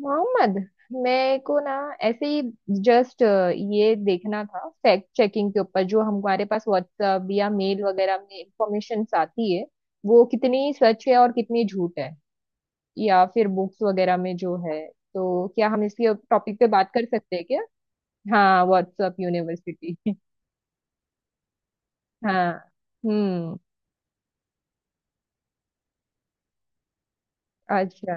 मोहम्मद, मेरे को ना ऐसे ही जस्ट ये देखना था फैक्ट चेकिंग के ऊपर। जो हमारे पास व्हाट्सएप या मेल वगैरह में इंफॉर्मेशन आती है, वो कितनी सच है और कितनी झूठ है, या फिर बुक्स वगैरह में जो है। तो क्या हम इसके टॉपिक पे बात कर सकते हैं क्या? हाँ, व्हाट्सएप यूनिवर्सिटी हाँ। हम्म। अच्छा।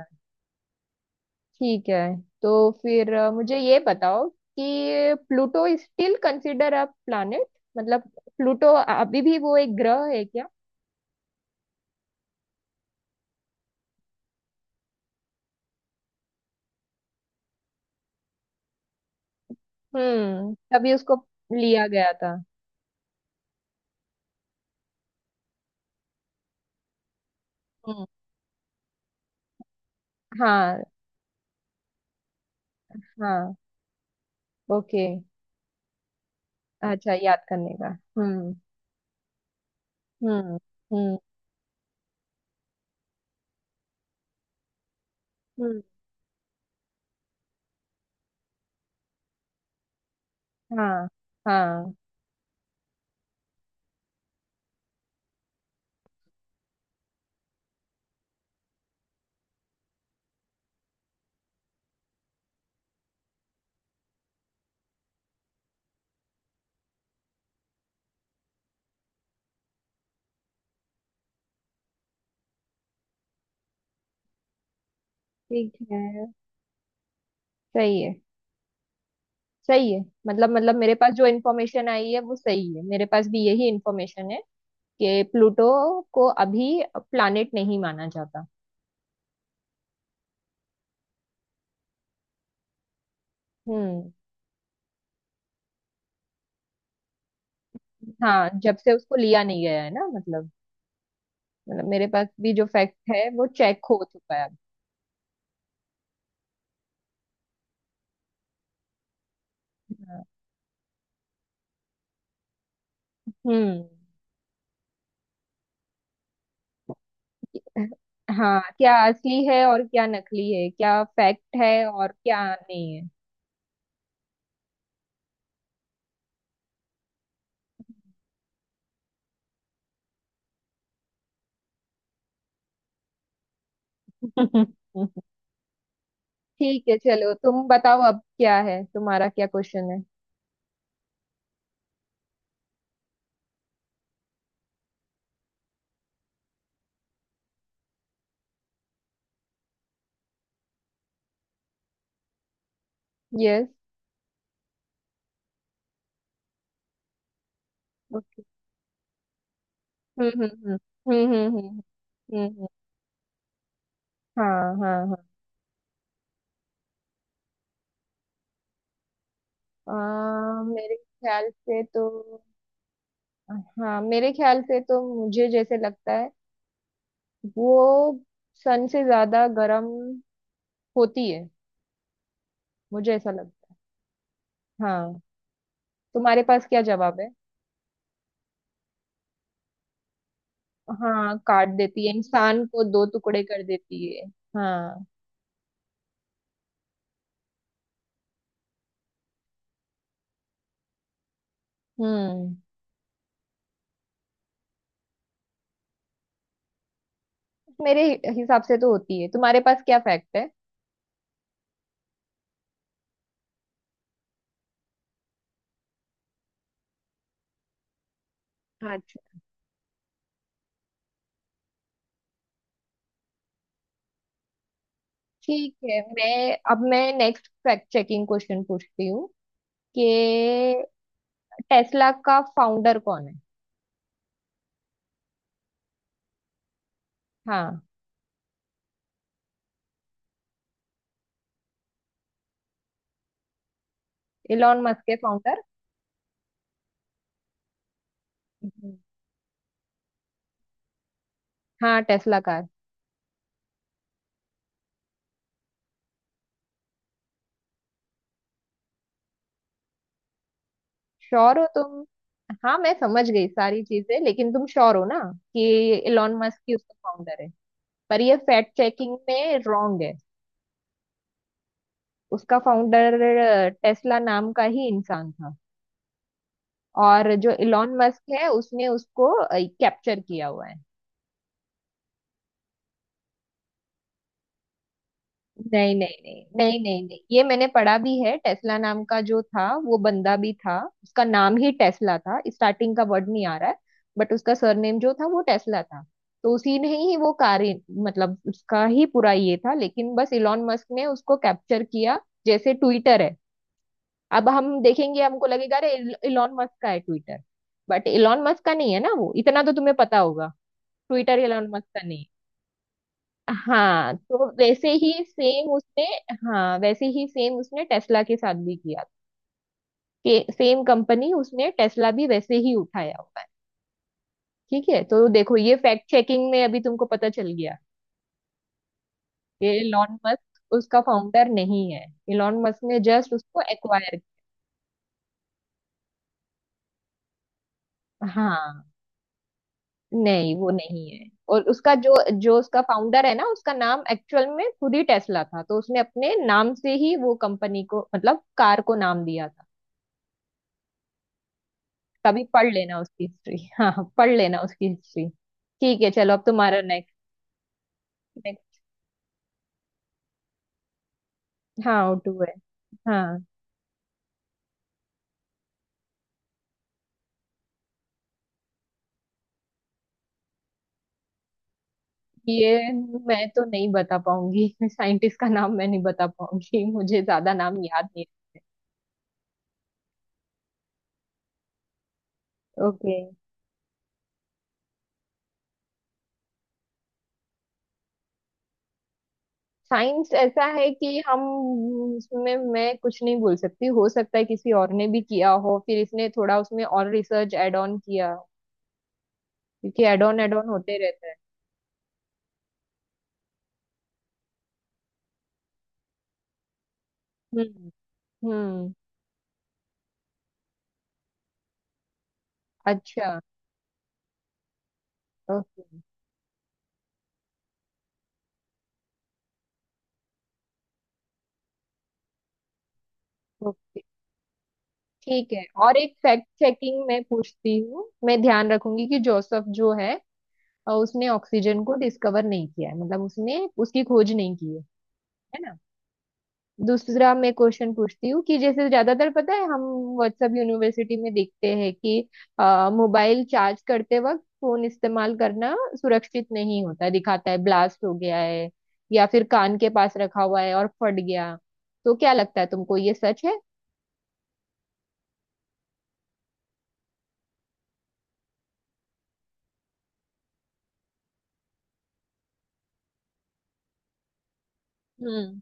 ठीक है। तो फिर मुझे ये बताओ कि Pluto still consider a planet. मतलब प्लूटो अभी भी वो एक ग्रह है क्या? हम्म, तभी उसको लिया गया था। हम्म। हाँ। हाँ। ओके। अच्छा, याद करने का। हम्म। हम्म हम्म हम्म, हाँ। हाँ। ठीक है। सही है। सही है। मतलब मेरे पास जो इन्फॉर्मेशन आई है वो सही है, मेरे पास भी यही इन्फॉर्मेशन है कि प्लूटो को अभी प्लैनेट नहीं माना जाता। हम्म। हाँ, जब से उसको लिया नहीं गया है ना। मतलब मेरे पास भी जो फैक्ट है वो चेक हो चुका है अब। हम्म। हाँ, क्या असली है और क्या नकली है, क्या फैक्ट है और क्या नहीं है। ठीक है, चलो तुम बताओ अब क्या है, तुम्हारा क्या क्वेश्चन है? Yes. Okay. Hmm hmm hmm hmm hmm hmm, hmm, हाँ हाँ हाँ। मेरे ख्याल से तो, हाँ मेरे ख्याल से तो मुझे जैसे लगता है वो सन से ज्यादा गर्म होती है। मुझे ऐसा लगता है। हाँ, तुम्हारे पास क्या जवाब है? हाँ, काट देती है, इंसान को दो टुकड़े कर देती है। हाँ। हम्म, मेरे हिसाब से तो होती है, तुम्हारे पास क्या फैक्ट है? अच्छा। ठीक है, मैं अब मैं नेक्स्ट फैक्ट चेकिंग क्वेश्चन पूछती हूँ कि टेस्ला का फाउंडर कौन है? हाँ, इलॉन मस्क के फाउंडर? हाँ, टेस्ला का। श्योर हो तुम? हाँ, मैं समझ गई सारी चीजें लेकिन तुम श्योर हो ना कि इलॉन मस्क ही उसका फाउंडर है? पर ये फैक्ट चेकिंग में रॉन्ग है। उसका फाउंडर टेस्ला नाम का ही इंसान था, और जो इलॉन मस्क है उसने उसको कैप्चर किया हुआ है। नहीं, नहीं, नहीं, ये मैंने पढ़ा भी है। टेस्ला नाम का जो था वो बंदा भी था, उसका नाम ही टेस्ला था। स्टार्टिंग का वर्ड नहीं आ रहा है, बट उसका सरनेम जो था वो टेस्ला था। तो उसी ने ही वो कार, मतलब उसका ही पूरा ये था, लेकिन बस इलॉन मस्क ने उसको कैप्चर किया। जैसे ट्विटर है, अब हम देखेंगे हमको लगेगा अरे इलॉन मस्क का है ट्विटर, बट इलॉन मस्क का नहीं है ना, वो इतना तो तुम्हें पता होगा। ट्विटर इलॉन मस्क का नहीं है। हाँ, तो वैसे ही सेम उसने, हाँ वैसे ही सेम उसने टेस्ला के साथ भी किया। कि सेम कंपनी उसने टेस्ला भी वैसे ही उठाया हुआ है। ठीक है, तो देखो ये फैक्ट चेकिंग में अभी तुमको पता चल गया कि इलॉन मस्क उसका फाउंडर नहीं है, इलॉन मस्क ने जस्ट उसको एक्वायर। हाँ, नहीं वो नहीं है। और उसका जो, जो उसका फाउंडर है ना, उसका नाम एक्चुअल में खुद ही टेस्ला था, तो उसने अपने नाम से ही वो कंपनी को, मतलब कार को नाम दिया था। कभी पढ़ लेना उसकी हिस्ट्री। हाँ हाँ, पढ़ लेना उसकी हिस्ट्री। ठीक है, चलो अब तुम्हारा नेक्स्ट। नेक्स्ट। हाँ, टू है। हाँ। ये मैं तो नहीं बता पाऊंगी साइंटिस्ट का नाम मैं नहीं बता पाऊंगी, मुझे ज्यादा नाम याद नहीं। ओके। साइंस ऐसा है कि हम, उसमें मैं कुछ नहीं बोल सकती, हो सकता है किसी और ने भी किया हो फिर इसने थोड़ा उसमें और रिसर्च एड ऑन किया हो, क्योंकि एड ऑन होते रहता है। हम्म। हम्म। अच्छा। ओके। ओके। ठीक है, और एक फैक्ट चेकिंग मैं पूछती हूँ। मैं ध्यान रखूंगी कि जोसेफ जो है उसने ऑक्सीजन को डिस्कवर नहीं किया है, मतलब उसने उसकी खोज नहीं की है ना। दूसरा मैं क्वेश्चन पूछती हूँ कि जैसे ज्यादातर पता है, हम व्हाट्सएप यूनिवर्सिटी में देखते हैं कि मोबाइल चार्ज करते वक्त फोन इस्तेमाल करना सुरक्षित नहीं होता, दिखाता है ब्लास्ट हो गया है या फिर कान के पास रखा हुआ है और फट गया। तो क्या लगता है तुमको, ये सच है? हम्म।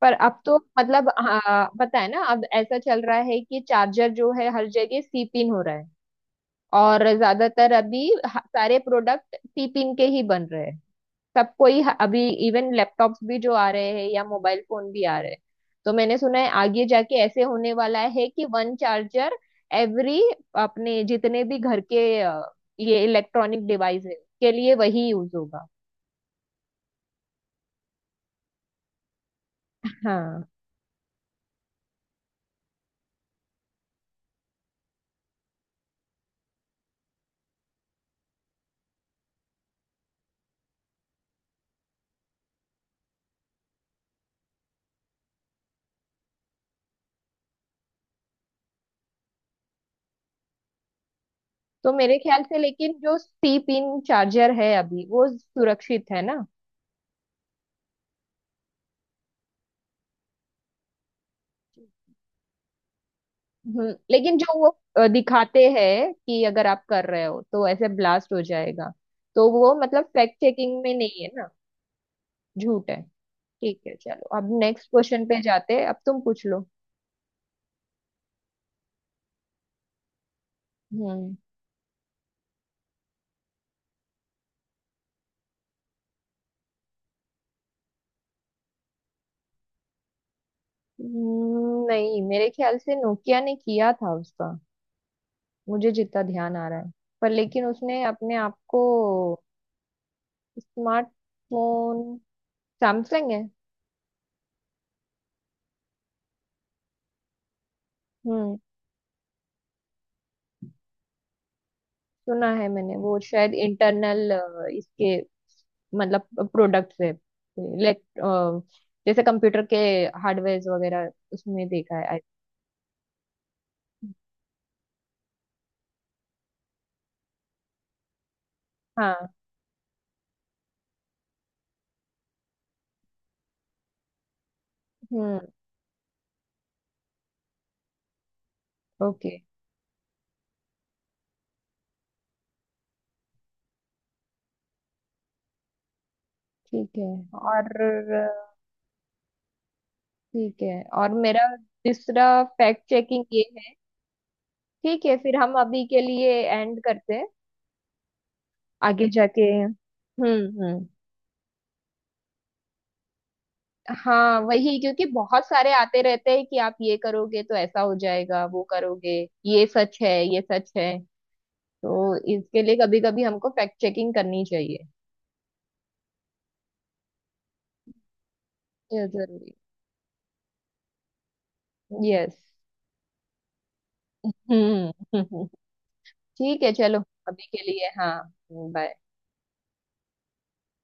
पर अब तो मतलब हाँ, पता है ना अब ऐसा चल रहा है कि चार्जर जो है हर जगह सी पिन हो रहा है। और ज्यादातर अभी सारे प्रोडक्ट सी पिन के ही बन रहे हैं। सब कोई अभी इवन लैपटॉप्स भी जो आ रहे हैं या मोबाइल फोन भी आ रहे हैं। तो मैंने सुना है आगे जाके ऐसे होने वाला है कि वन चार्जर एवरी, अपने जितने भी घर के ये इलेक्ट्रॉनिक डिवाइस है, के लिए वही यूज होगा। हाँ, तो मेरे ख्याल से लेकिन जो सी पिन चार्जर है अभी वो सुरक्षित है ना। लेकिन जो वो दिखाते हैं कि अगर आप कर रहे हो तो ऐसे ब्लास्ट हो जाएगा, तो वो मतलब फैक्ट चेकिंग में नहीं है ना। झूठ है। ठीक है चलो, अब नेक्स्ट क्वेश्चन पे जाते हैं, अब तुम पूछ लो। हम्म। नहीं मेरे ख्याल से नोकिया ने किया था उसका, मुझे जितना ध्यान आ रहा है। पर लेकिन उसने अपने आप को, स्मार्टफोन, सैमसंग है। हम्म, सुना है मैंने, वो शायद इंटरनल इसके मतलब प्रोडक्ट है, इलेक्ट, जैसे कंप्यूटर के हार्डवेयर वगैरह उसमें देखा है। I think। हाँ। हम्म। ओके। ठीक है। और ठीक है, और मेरा तीसरा फैक्ट चेकिंग ये है। ठीक है, फिर हम अभी के लिए एंड करते हैं। आगे जाके। हम्म। हम्म। हाँ वही, क्योंकि बहुत सारे आते रहते हैं कि आप ये करोगे तो ऐसा हो जाएगा, वो करोगे। ये सच है, ये सच है, तो इसके लिए कभी कभी हमको फैक्ट चेकिंग करनी चाहिए। ये जरूरी। यस। हम्म। ठीक है चलो, अभी के लिए हाँ। बाय।